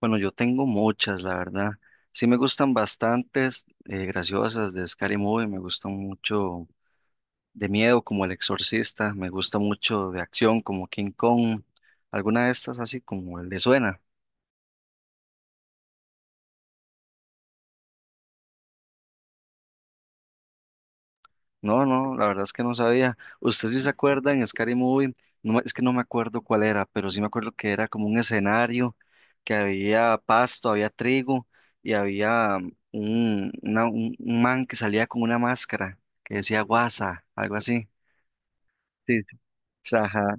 Bueno, yo tengo muchas, la verdad. Sí me gustan bastantes graciosas de Scary Movie, me gustan mucho de miedo como El Exorcista, me gusta mucho de acción como King Kong, alguna de estas así como le suena. No, no, la verdad es que no sabía. ¿Usted sí se acuerda en Scary Movie? No, es que no me acuerdo cuál era, pero sí me acuerdo que era como un escenario, que había pasto, había trigo y había un, una- un man que salía con una máscara que decía guasa, algo así. Sí, sí. Ajá,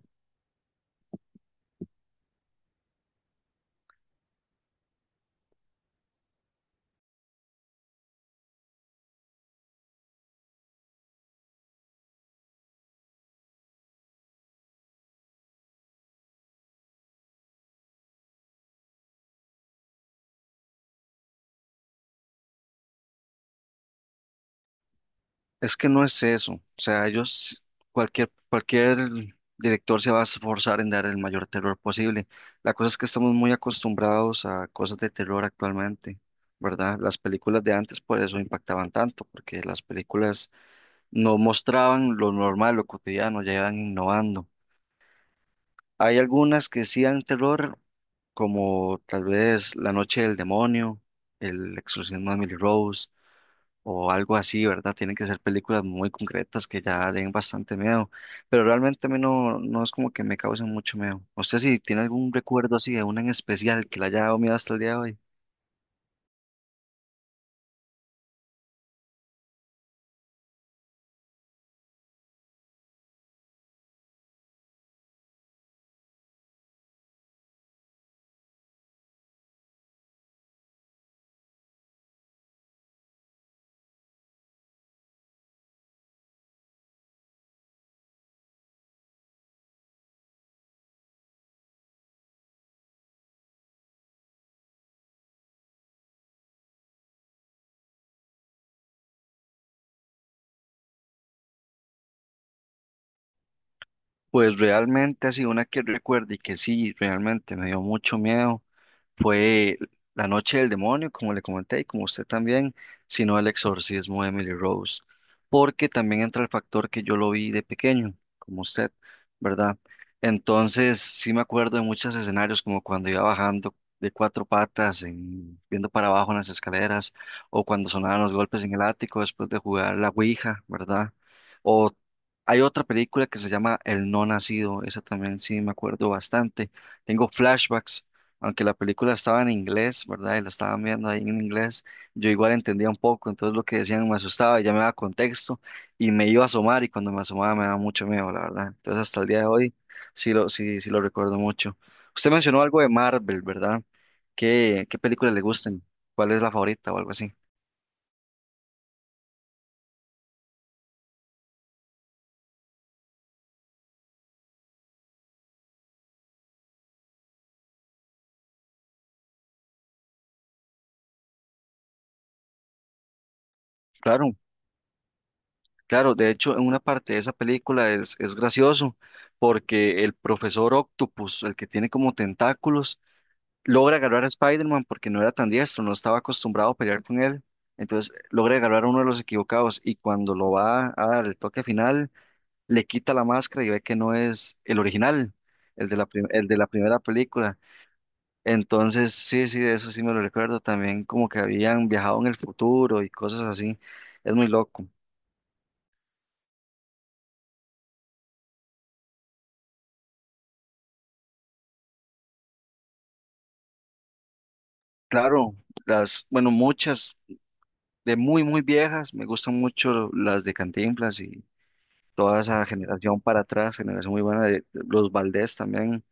es que no es eso. O sea, ellos, cualquier director se va a esforzar en dar el mayor terror posible. La cosa es que estamos muy acostumbrados a cosas de terror actualmente, ¿verdad? Las películas de antes por eso impactaban tanto, porque las películas no mostraban lo normal, lo cotidiano, ya iban innovando. Hay algunas que sí dan terror, como tal vez La Noche del Demonio, El Exorcismo de Emily Rose o algo así, ¿verdad? Tienen que ser películas muy concretas que ya den bastante miedo, pero realmente a mí no, no es como que me causen mucho miedo. ¿Usted si tiene algún recuerdo así de una en especial que le haya dado miedo hasta el día de hoy? Pues realmente así, una que recuerde y que sí, realmente me dio mucho miedo. Fue La Noche del Demonio, como le comenté, y como usted también, sino El Exorcismo de Emily Rose, porque también entra el factor que yo lo vi de pequeño, como usted, ¿verdad? Entonces, sí me acuerdo de muchos escenarios, como cuando iba bajando de cuatro patas, viendo para abajo en las escaleras, o cuando sonaban los golpes en el ático después de jugar la Ouija, ¿verdad? O hay otra película que se llama El No Nacido, esa también sí me acuerdo bastante. Tengo flashbacks aunque la película estaba en inglés, ¿verdad? Y la estaban viendo ahí en inglés, yo igual entendía un poco, entonces lo que decían me asustaba, ya me daba contexto y me iba a asomar y cuando me asomaba me daba mucho miedo, la verdad. Entonces hasta el día de hoy sí lo recuerdo mucho. Usted mencionó algo de Marvel, ¿verdad? ¿Qué películas le gustan? ¿Cuál es la favorita o algo así? Claro, claro, de hecho en una parte de esa película es gracioso porque el profesor Octopus, el que tiene como tentáculos, logra agarrar a Spider-Man porque no era tan diestro, no estaba acostumbrado a pelear con él. Entonces logra agarrar a uno de los equivocados y cuando lo va a dar el toque final, le quita la máscara y ve que no es el original, el de la primera película. Entonces, sí, sí, de eso sí me lo recuerdo también, como que habían viajado en el futuro y cosas así. Es muy loco. Claro, las, bueno, muchas de muy viejas, me gustan mucho las de Cantinflas toda esa generación para atrás, generación muy buena de los Valdés también.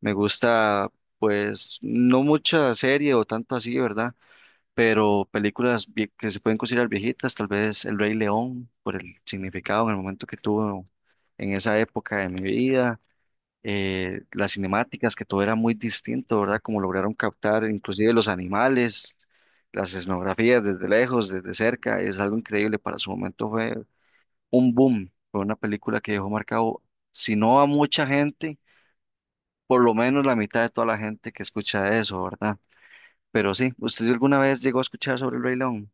Me gusta, pues, no mucha serie o tanto así, ¿verdad? Pero películas que se pueden considerar viejitas, tal vez El Rey León, por el significado en el momento que tuvo en esa época de mi vida. Las cinemáticas, que todo era muy distinto, ¿verdad? Como lograron captar inclusive los animales, las escenografías desde lejos, desde cerca, es algo increíble para su momento, fue un boom. Fue una película que dejó marcado, si no a mucha gente, por lo menos la mitad de toda la gente que escucha eso, ¿verdad? Pero sí, ¿usted alguna vez llegó a escuchar sobre el Rey León?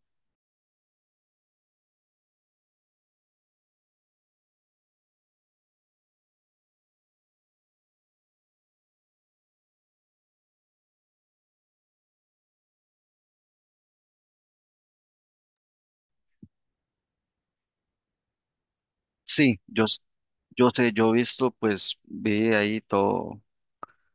Sí, yo, s- yo sé, yo he visto, pues vi ahí todo,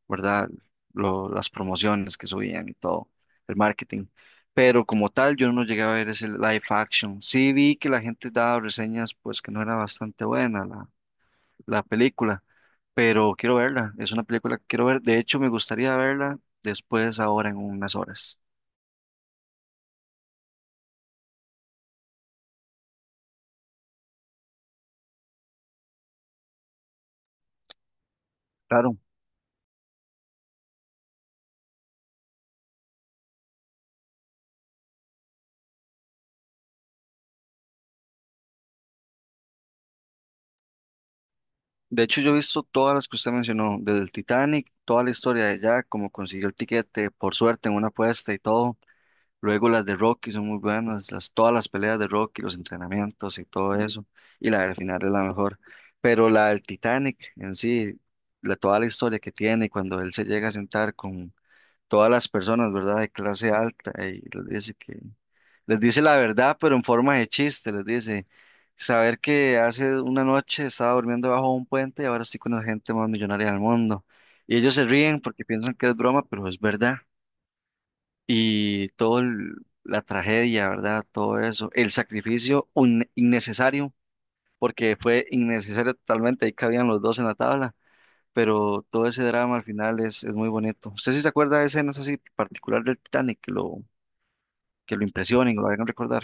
¿verdad? Las promociones que subían y todo, el marketing. Pero como tal, yo no llegué a ver ese live action. Sí vi que la gente daba reseñas, pues que no era bastante buena la película, pero quiero verla, es una película que quiero ver, de hecho me gustaría verla después ahora en unas horas. Claro, de hecho yo he visto todas las que usted mencionó, desde el Titanic, toda la historia de Jack, como consiguió el tiquete, por suerte en una apuesta y todo, luego las de Rocky son muy buenas, las, todas las peleas de Rocky, los entrenamientos y todo eso, y la del final es la mejor, pero la del Titanic en sí, la, toda la historia que tiene cuando él se llega a sentar con todas las personas, ¿verdad? De clase alta, y les dice que, les dice la verdad, pero en forma de chiste, les dice, saber que hace una noche estaba durmiendo bajo un puente y ahora estoy con la gente más millonaria del mundo. Y ellos se ríen porque piensan que es broma, pero es verdad. Y todo la tragedia, ¿verdad? Todo eso, el sacrificio innecesario, porque fue innecesario totalmente, ahí cabían los dos en la tabla pero todo ese drama al final es muy bonito. ¿Usted sí se acuerda de escenas así particular del Titanic que lo impresionen o lo hagan recordar?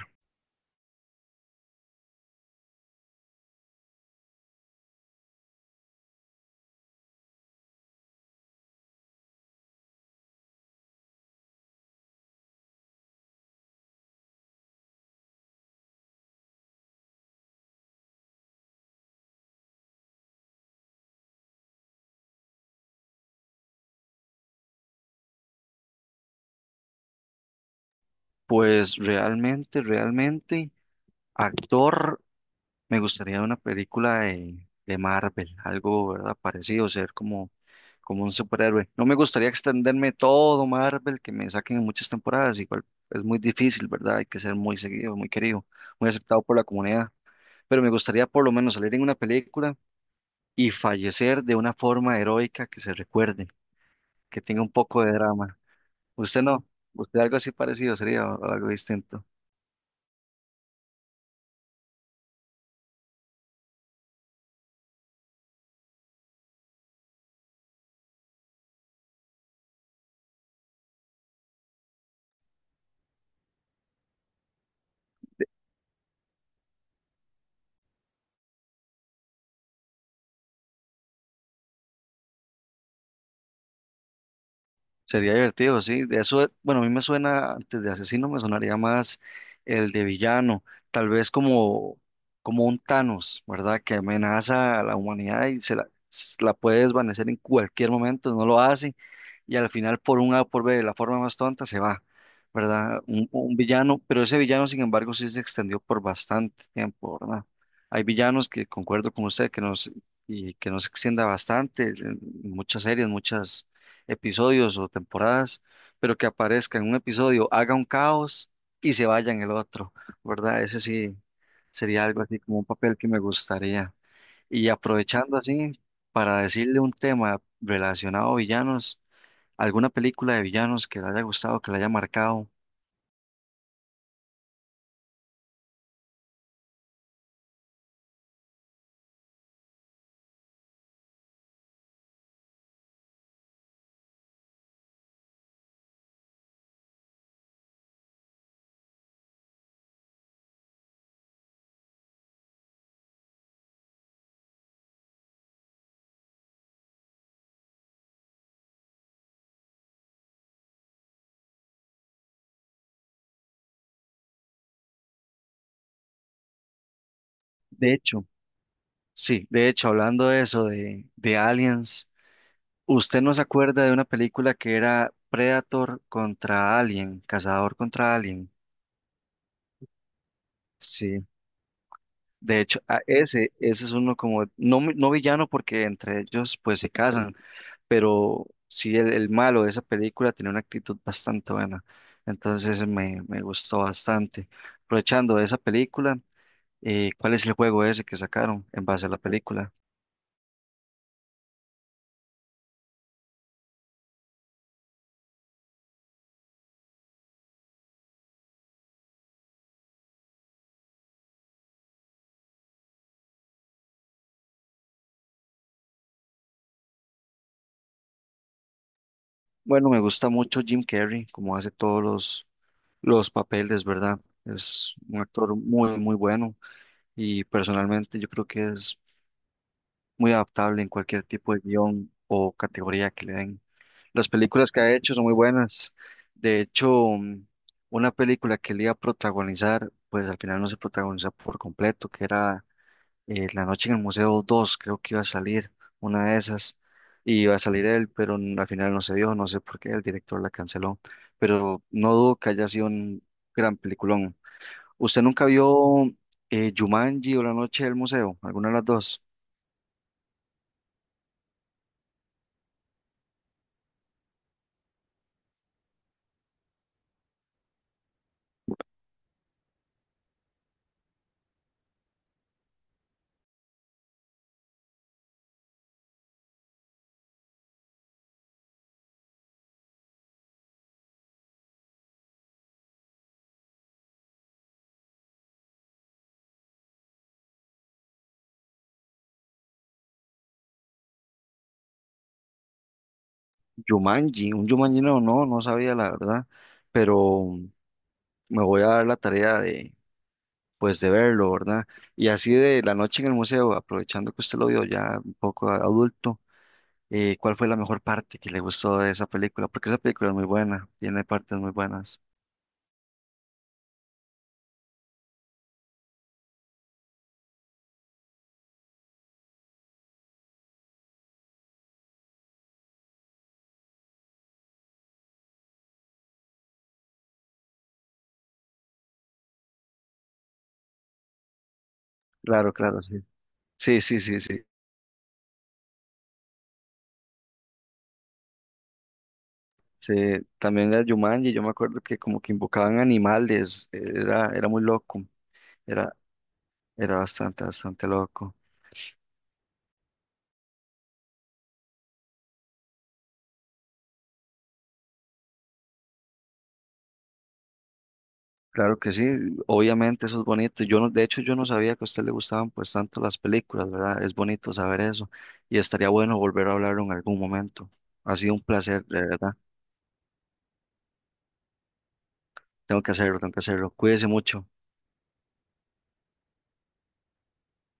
Pues realmente, actor, me gustaría una película de Marvel, algo, ¿verdad? Parecido, ser como, como un superhéroe. No me gustaría extenderme todo Marvel, que me saquen en muchas temporadas, igual es muy difícil, ¿verdad? Hay que ser muy seguido, muy querido, muy aceptado por la comunidad. Pero me gustaría por lo menos salir en una película y fallecer de una forma heroica que se recuerde, que tenga un poco de drama. Usted no, Usted algo así parecido sería o algo distinto. Sería divertido, sí. De eso, bueno, a mí me suena, antes de asesino, me sonaría más el de villano, tal vez como, como un Thanos, ¿verdad? Que amenaza a la humanidad y se la puede desvanecer en cualquier momento, no lo hace, y al final por un A o por B, de la forma más tonta, se va, ¿verdad? Un villano, pero ese villano, sin embargo, sí se extendió por bastante tiempo, ¿verdad? Hay villanos que concuerdo con usted que nos, y que nos extienda bastante, en muchas series, muchas episodios o temporadas, pero que aparezca en un episodio, haga un caos y se vaya en el otro, ¿verdad? Ese sí sería algo así como un papel que me gustaría. Y aprovechando así para decirle un tema relacionado a villanos, alguna película de villanos que le haya gustado, que le haya marcado. De hecho, sí, de hecho, hablando de eso, de aliens, ¿usted no se acuerda de una película que era Predator contra Alien, Cazador contra Alien? Sí. De hecho, a ese es uno como, no, no villano porque entre ellos pues se casan, pero sí el malo de esa película tenía una actitud bastante buena, entonces me gustó bastante. Aprovechando de esa película, ¿cuál es el juego ese que sacaron en base a la película? Bueno, me gusta mucho Jim Carrey, como hace todos los papeles, ¿verdad? Es un actor muy bueno y personalmente yo creo que es muy adaptable en cualquier tipo de guión o categoría que le den. Las películas que ha hecho son muy buenas. De hecho, una película que él iba a protagonizar, pues al final no se protagonizó por completo, que era La Noche en el Museo 2 creo que iba a salir una de esas, y iba a salir él, pero al final no se dio, no sé por qué, el director la canceló, pero no dudo que haya sido un gran peliculón. ¿Usted nunca vio Jumanji o La Noche del Museo? ¿Alguna de las dos? Jumanji, un Jumanji no, No, no sabía la verdad, pero... me voy a dar la tarea de, pues, de verlo, ¿verdad? Y así de la noche en el museo, aprovechando que usted lo vio ya un poco adulto, ¿cuál fue la mejor parte que le gustó de esa película? Porque esa película es muy buena, tiene partes muy buenas. Claro, claro, sí. Sí, sí, sí, sí. Sí, también la Jumanji, yo me acuerdo que como que invocaban animales, era muy loco, era, era bastante loco. Claro que sí, obviamente eso es bonito. Yo no, de hecho, yo no sabía que a usted le gustaban pues tanto las películas, ¿verdad? Es bonito saber eso y estaría bueno volver a hablarlo en algún momento. Ha sido un placer, de verdad. Tengo que hacerlo, tengo que hacerlo. Cuídese mucho.